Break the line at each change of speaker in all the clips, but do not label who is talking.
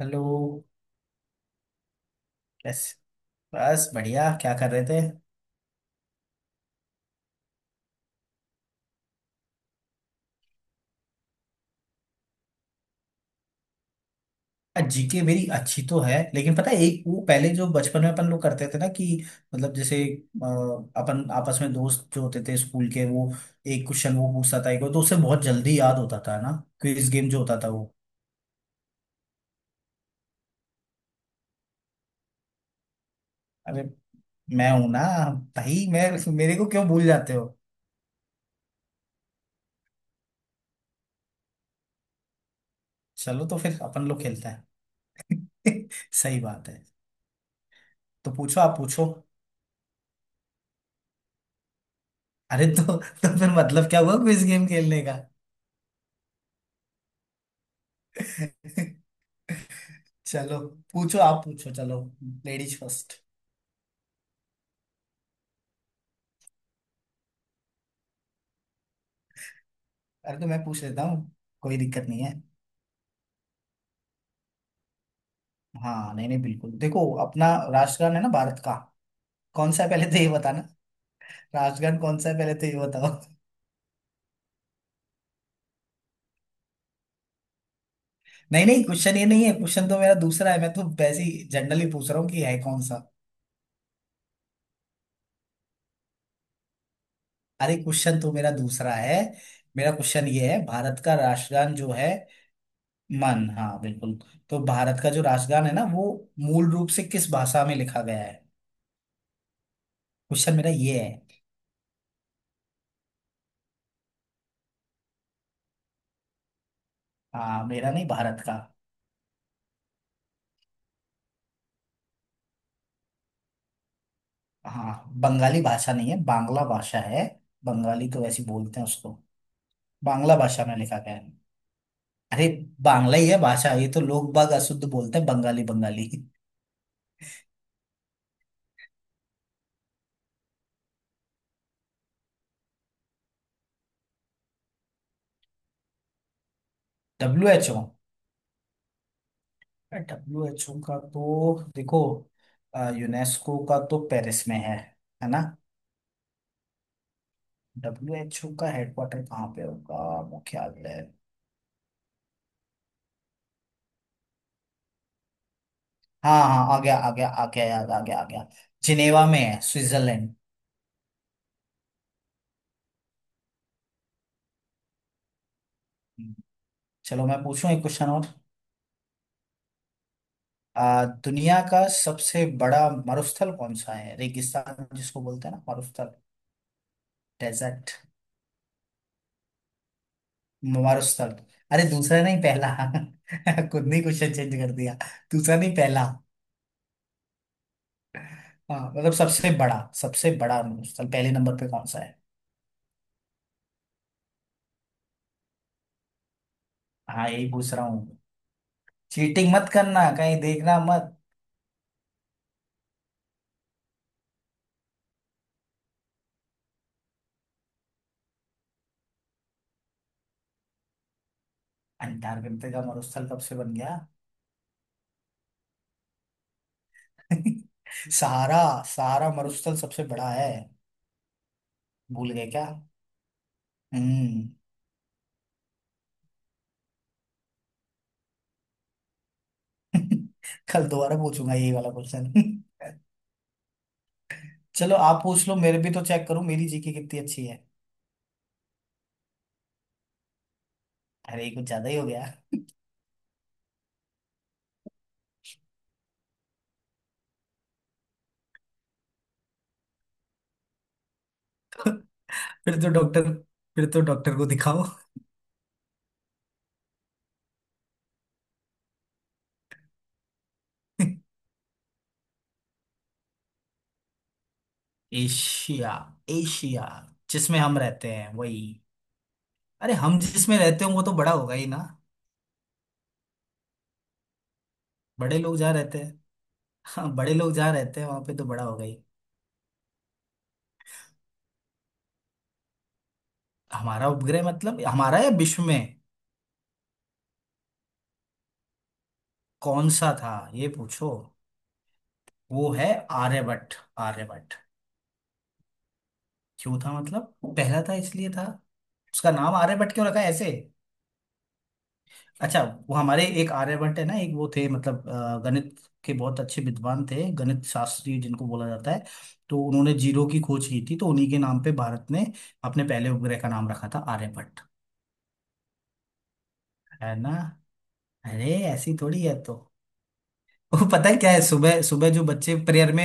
Hello. कैसे। बस बढ़िया, क्या कर रहे थे? जीके मेरी अच्छी तो है, लेकिन पता है एक वो पहले जो बचपन में अपन लोग करते थे ना कि मतलब जैसे अपन आपस में दोस्त जो होते थे स्कूल के, वो एक क्वेश्चन वो पूछता था एक वो, तो उससे बहुत जल्दी याद होता था ना। क्विज गेम जो होता था वो। अरे मैं हूं ना। भाई मैं। मेरे को क्यों भूल जाते हो? चलो तो फिर अपन लोग खेलते हैं। सही बात है। तो पूछो, आप पूछो। अरे तो फिर मतलब क्या हुआ क्विज गेम खेलने का? चलो, पूछो, आप पूछो, चलो। Ladies first. अरे तो मैं पूछ लेता हूँ। कोई दिक्कत नहीं है। हाँ, नहीं नहीं, बिल्कुल देखो, अपना राष्ट्रगान है ना भारत का। कौन सा है पहले तो ये बताना। राष्ट्रगान कौन सा है पहले तो ये बताओ। नहीं नहीं, क्वेश्चन ये नहीं है, क्वेश्चन तो मेरा दूसरा है। मैं तो वैसे ही जनरली पूछ रहा हूँ कि है कौन सा। अरे क्वेश्चन तो मेरा दूसरा है। मेरा क्वेश्चन ये है, भारत का राष्ट्रगान जो है। मन, हाँ बिल्कुल। तो भारत का जो राष्ट्रगान है ना वो मूल रूप से किस भाषा में लिखा गया है, क्वेश्चन मेरा ये है। हाँ मेरा नहीं, भारत का। हाँ। बंगाली भाषा नहीं है, बांग्ला भाषा है। बंगाली तो वैसे ही बोलते हैं उसको। बांग्ला भाषा में लिखा गया है। अरे बांग्ला ही है भाषा, ये तो लोग बाग अशुद्ध बोलते हैं Bengali Bengali. W H O. W H O का तो देखो, यूनेस्को का तो पेरिस में है ना? डब्ल्यू एच ओ का हेडक्वार्टर कहाँ पे होगा, मुख्यालय? हाँ हाँ आ गया आ गया आ गया, याद आ गया आ गया। जिनेवा में है, स्विट्जरलैंड। चलो मैं पूछूं एक क्वेश्चन और। दुनिया का सबसे बड़ा मरुस्थल कौन सा है, रेगिस्तान जिसको बोलते हैं ना, मरुस्थल। डेजर्ट। मरुस्थल। अरे दूसरा नहीं पहला। खुद नहीं क्वेश्चन चेंज कर दिया। दूसरा नहीं पहला। हाँ मतलब सबसे बड़ा मरुस्थल पहले नंबर पे कौन सा है? हाँ यही पूछ रहा हूँ। चीटिंग मत करना, कहीं देखना मत। अंटार्कटिका का मरुस्थल कब से बन गया? सहारा। सहारा मरुस्थल सबसे बड़ा है। भूल गए क्या? हम्म। कल दोबारा पूछूंगा यही वाला क्वेश्चन। चलो आप पूछ लो, मेरे भी तो चेक करो, मेरी जीके कितनी अच्छी है। अरे ये कुछ ज्यादा ही हो गया। फिर तो डॉक्टर फिर तो डॉक्टर को दिखाओ। एशिया। एशिया जिसमें हम रहते हैं, वही। अरे हम जिसमें रहते हैं वो तो बड़ा होगा ही ना। बड़े लोग जहाँ रहते हैं। हाँ बड़े लोग जहाँ रहते हैं वहां पे तो बड़ा होगा ही। हमारा उपग्रह मतलब हमारा, या विश्व में? कौन सा था ये पूछो। वो है आर्यभट्ट। आर्यभट्ट। क्यों था मतलब पहला था इसलिए था। उसका नाम आर्यभट्ट क्यों रखा है ऐसे? अच्छा वो हमारे एक आर्यभट्ट है ना, एक वो थे मतलब गणित के बहुत अच्छे विद्वान थे, गणित शास्त्री जिनको बोला जाता है। तो उन्होंने जीरो की खोज की थी, तो उन्हीं के नाम पे भारत ने अपने पहले उपग्रह का नाम रखा था आर्यभट्ट। है ना? अरे ऐसी थोड़ी है तो। वो पता है क्या है, सुबह सुबह जो बच्चे प्रेयर में,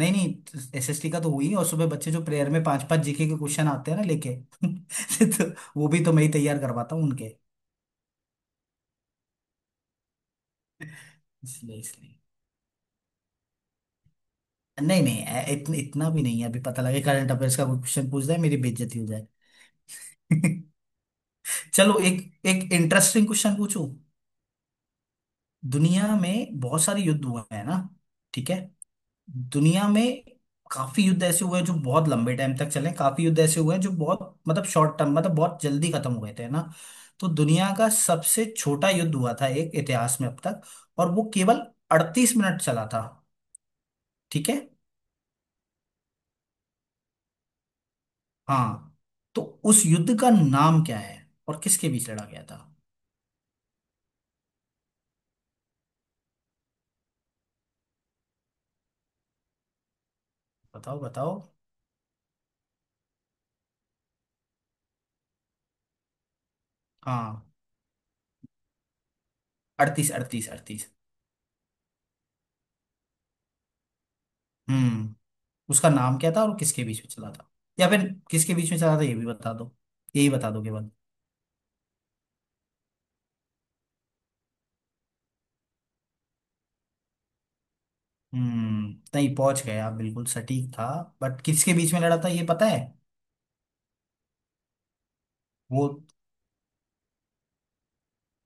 नहीं नहीं एसएसटी का तो हुई, और सुबह बच्चे जो प्रेयर में पांच पांच जीके के क्वेश्चन आते हैं ना लेके। तो वो भी तो मैं ही तैयार करवाता हूँ उनके। इसलिए इसलिए। नहीं नहीं, इतना भी नहीं है, अभी पता लगे करंट अफेयर्स का कोई क्वेश्चन पूछ जाए, मेरी बेइज्जती हो जाए। चलो एक एक इंटरेस्टिंग क्वेश्चन पूछूं। दुनिया में बहुत सारे युद्ध हुए हैं ना। ठीक है। दुनिया में काफी युद्ध ऐसे हुए हैं जो बहुत लंबे टाइम तक चले, काफी युद्ध ऐसे हुए हैं जो बहुत मतलब शॉर्ट टर्म मतलब बहुत जल्दी खत्म हुए थे ना। तो दुनिया का सबसे छोटा युद्ध हुआ था एक इतिहास में अब तक, और वो केवल 38 मिनट चला था। ठीक है। हाँ तो उस युद्ध का नाम क्या है और किसके बीच लड़ा गया था? बताओ बताओ। हाँ अड़तीस अड़तीस अड़तीस। हम्म। उसका नाम क्या था और किसके बीच में चला था? या फिर किसके बीच में चला था ये भी बता दो, यही बता दो केवल। हम्म नहीं, पहुंच गए आप, बिल्कुल सटीक था। बट किसके बीच में लड़ा था ये पता है? वो,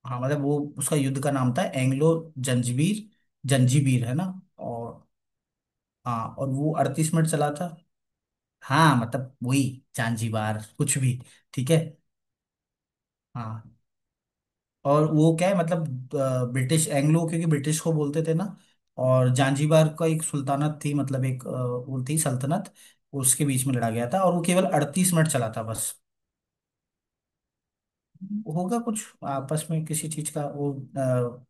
हाँ मतलब वो उसका युद्ध का नाम था एंग्लो जंजीबीर। जंजीबीर है ना। और, हाँ, और वो 38 मिनट चला था। हाँ मतलब वही। जांजीबार कुछ भी। ठीक है। हाँ और वो क्या है मतलब ब्रिटिश एंग्लो, क्योंकि ब्रिटिश को बोलते थे ना। और जानजीबार का एक सुल्तानत थी, मतलब एक वो थी सल्तनत। उसके बीच में लड़ा गया था और वो केवल अड़तीस मिनट चला था बस। होगा कुछ आपस में किसी चीज का वो। अ,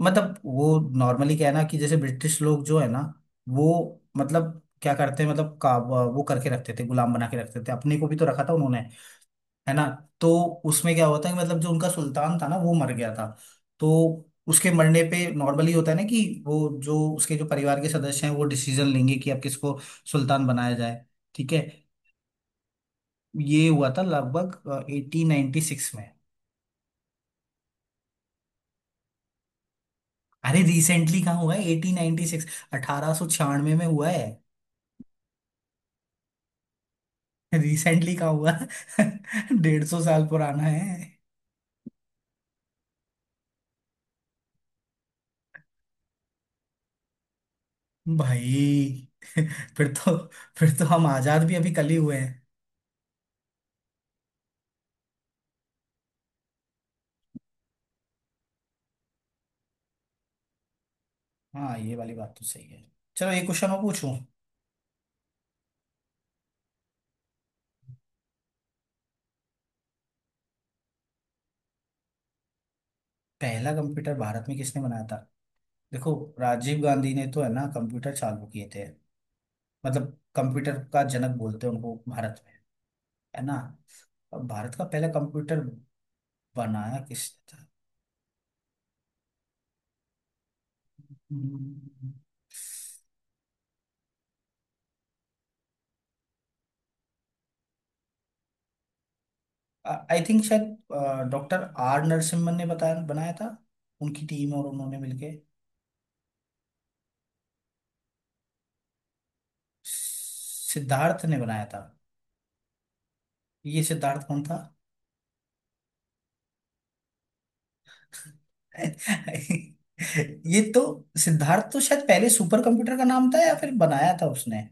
मतलब वो नॉर्मली क्या है ना, कि जैसे ब्रिटिश लोग जो है ना। वो मतलब क्या करते हैं मतलब का वो, करके रखते थे, गुलाम बना के रखते थे, अपने को भी तो रखा था उन्होंने। है ना। तो उसमें क्या हुआ था कि मतलब जो उनका सुल्तान था ना वो मर गया था। तो उसके मरने पे नॉर्मली होता है ना कि वो जो उसके जो परिवार के सदस्य हैं वो डिसीजन लेंगे कि अब किसको सुल्तान बनाया जाए। ठीक है। ये हुआ था लगभग 1896 में। अरे रिसेंटली कहाँ हुआ है? 1896, 1896 में हुआ है। रिसेंटली कहाँ हुआ? 150 साल पुराना है। भाई। फिर तो फिर तो हम आजाद भी अभी कल ही हुए हैं। हाँ ये वाली बात तो सही है। चलो एक क्वेश्चन मैं पूछूं। पहला कंप्यूटर भारत में किसने बनाया था? देखो, राजीव गांधी ने तो है ना कंप्यूटर चालू किए थे। मतलब कंप्यूटर का जनक बोलते हैं उनको भारत में। है ना? और भारत का पहला कंप्यूटर बनाया किसने था? हम्म, आई थिंक शायद डॉक्टर आर नरसिम्हन ने बताया बनाया था, उनकी टीम और उन्होंने मिलके। सिद्धार्थ ने बनाया था? ये सिद्धार्थ कौन था? ये तो, सिद्धार्थ तो शायद पहले सुपर कंप्यूटर का नाम था या फिर बनाया था उसने।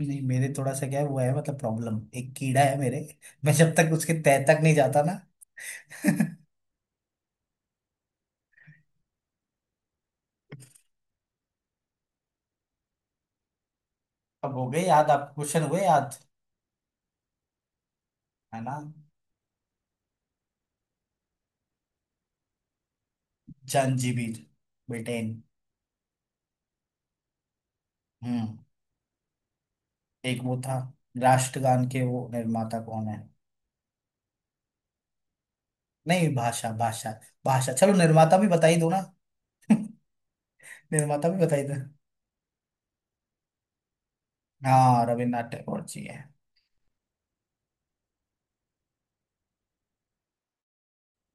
नहीं मेरे थोड़ा सा क्या है वो है, मतलब प्रॉब्लम एक कीड़ा है मेरे। मैं जब तक उसके तह तक नहीं जाता ना। अब हो गए याद आप? क्वेश्चन हुए याद? है ना? Zanzibar, Britain. हम्म एक वो था, राष्ट्रगान के वो निर्माता कौन है। नहीं भाषा, भाषा। भाषा, चलो निर्माता भी बता ही दो ना। निर्माता भी बता ही दो। हाँ रविन्द्रनाथ टैगोर जी है।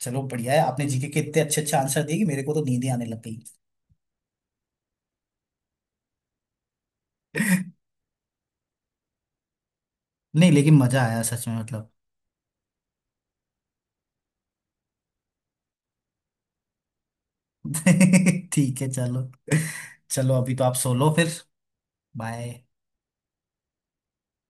चलो बढ़िया है, आपने जीके के इतने अच्छे अच्छे आंसर दिए कि मेरे को तो नींद ही आने लग गई। नहीं लेकिन मजा आया सच में, मतलब। ठीक है चलो। चलो अभी तो आप सो लो फिर, बाय।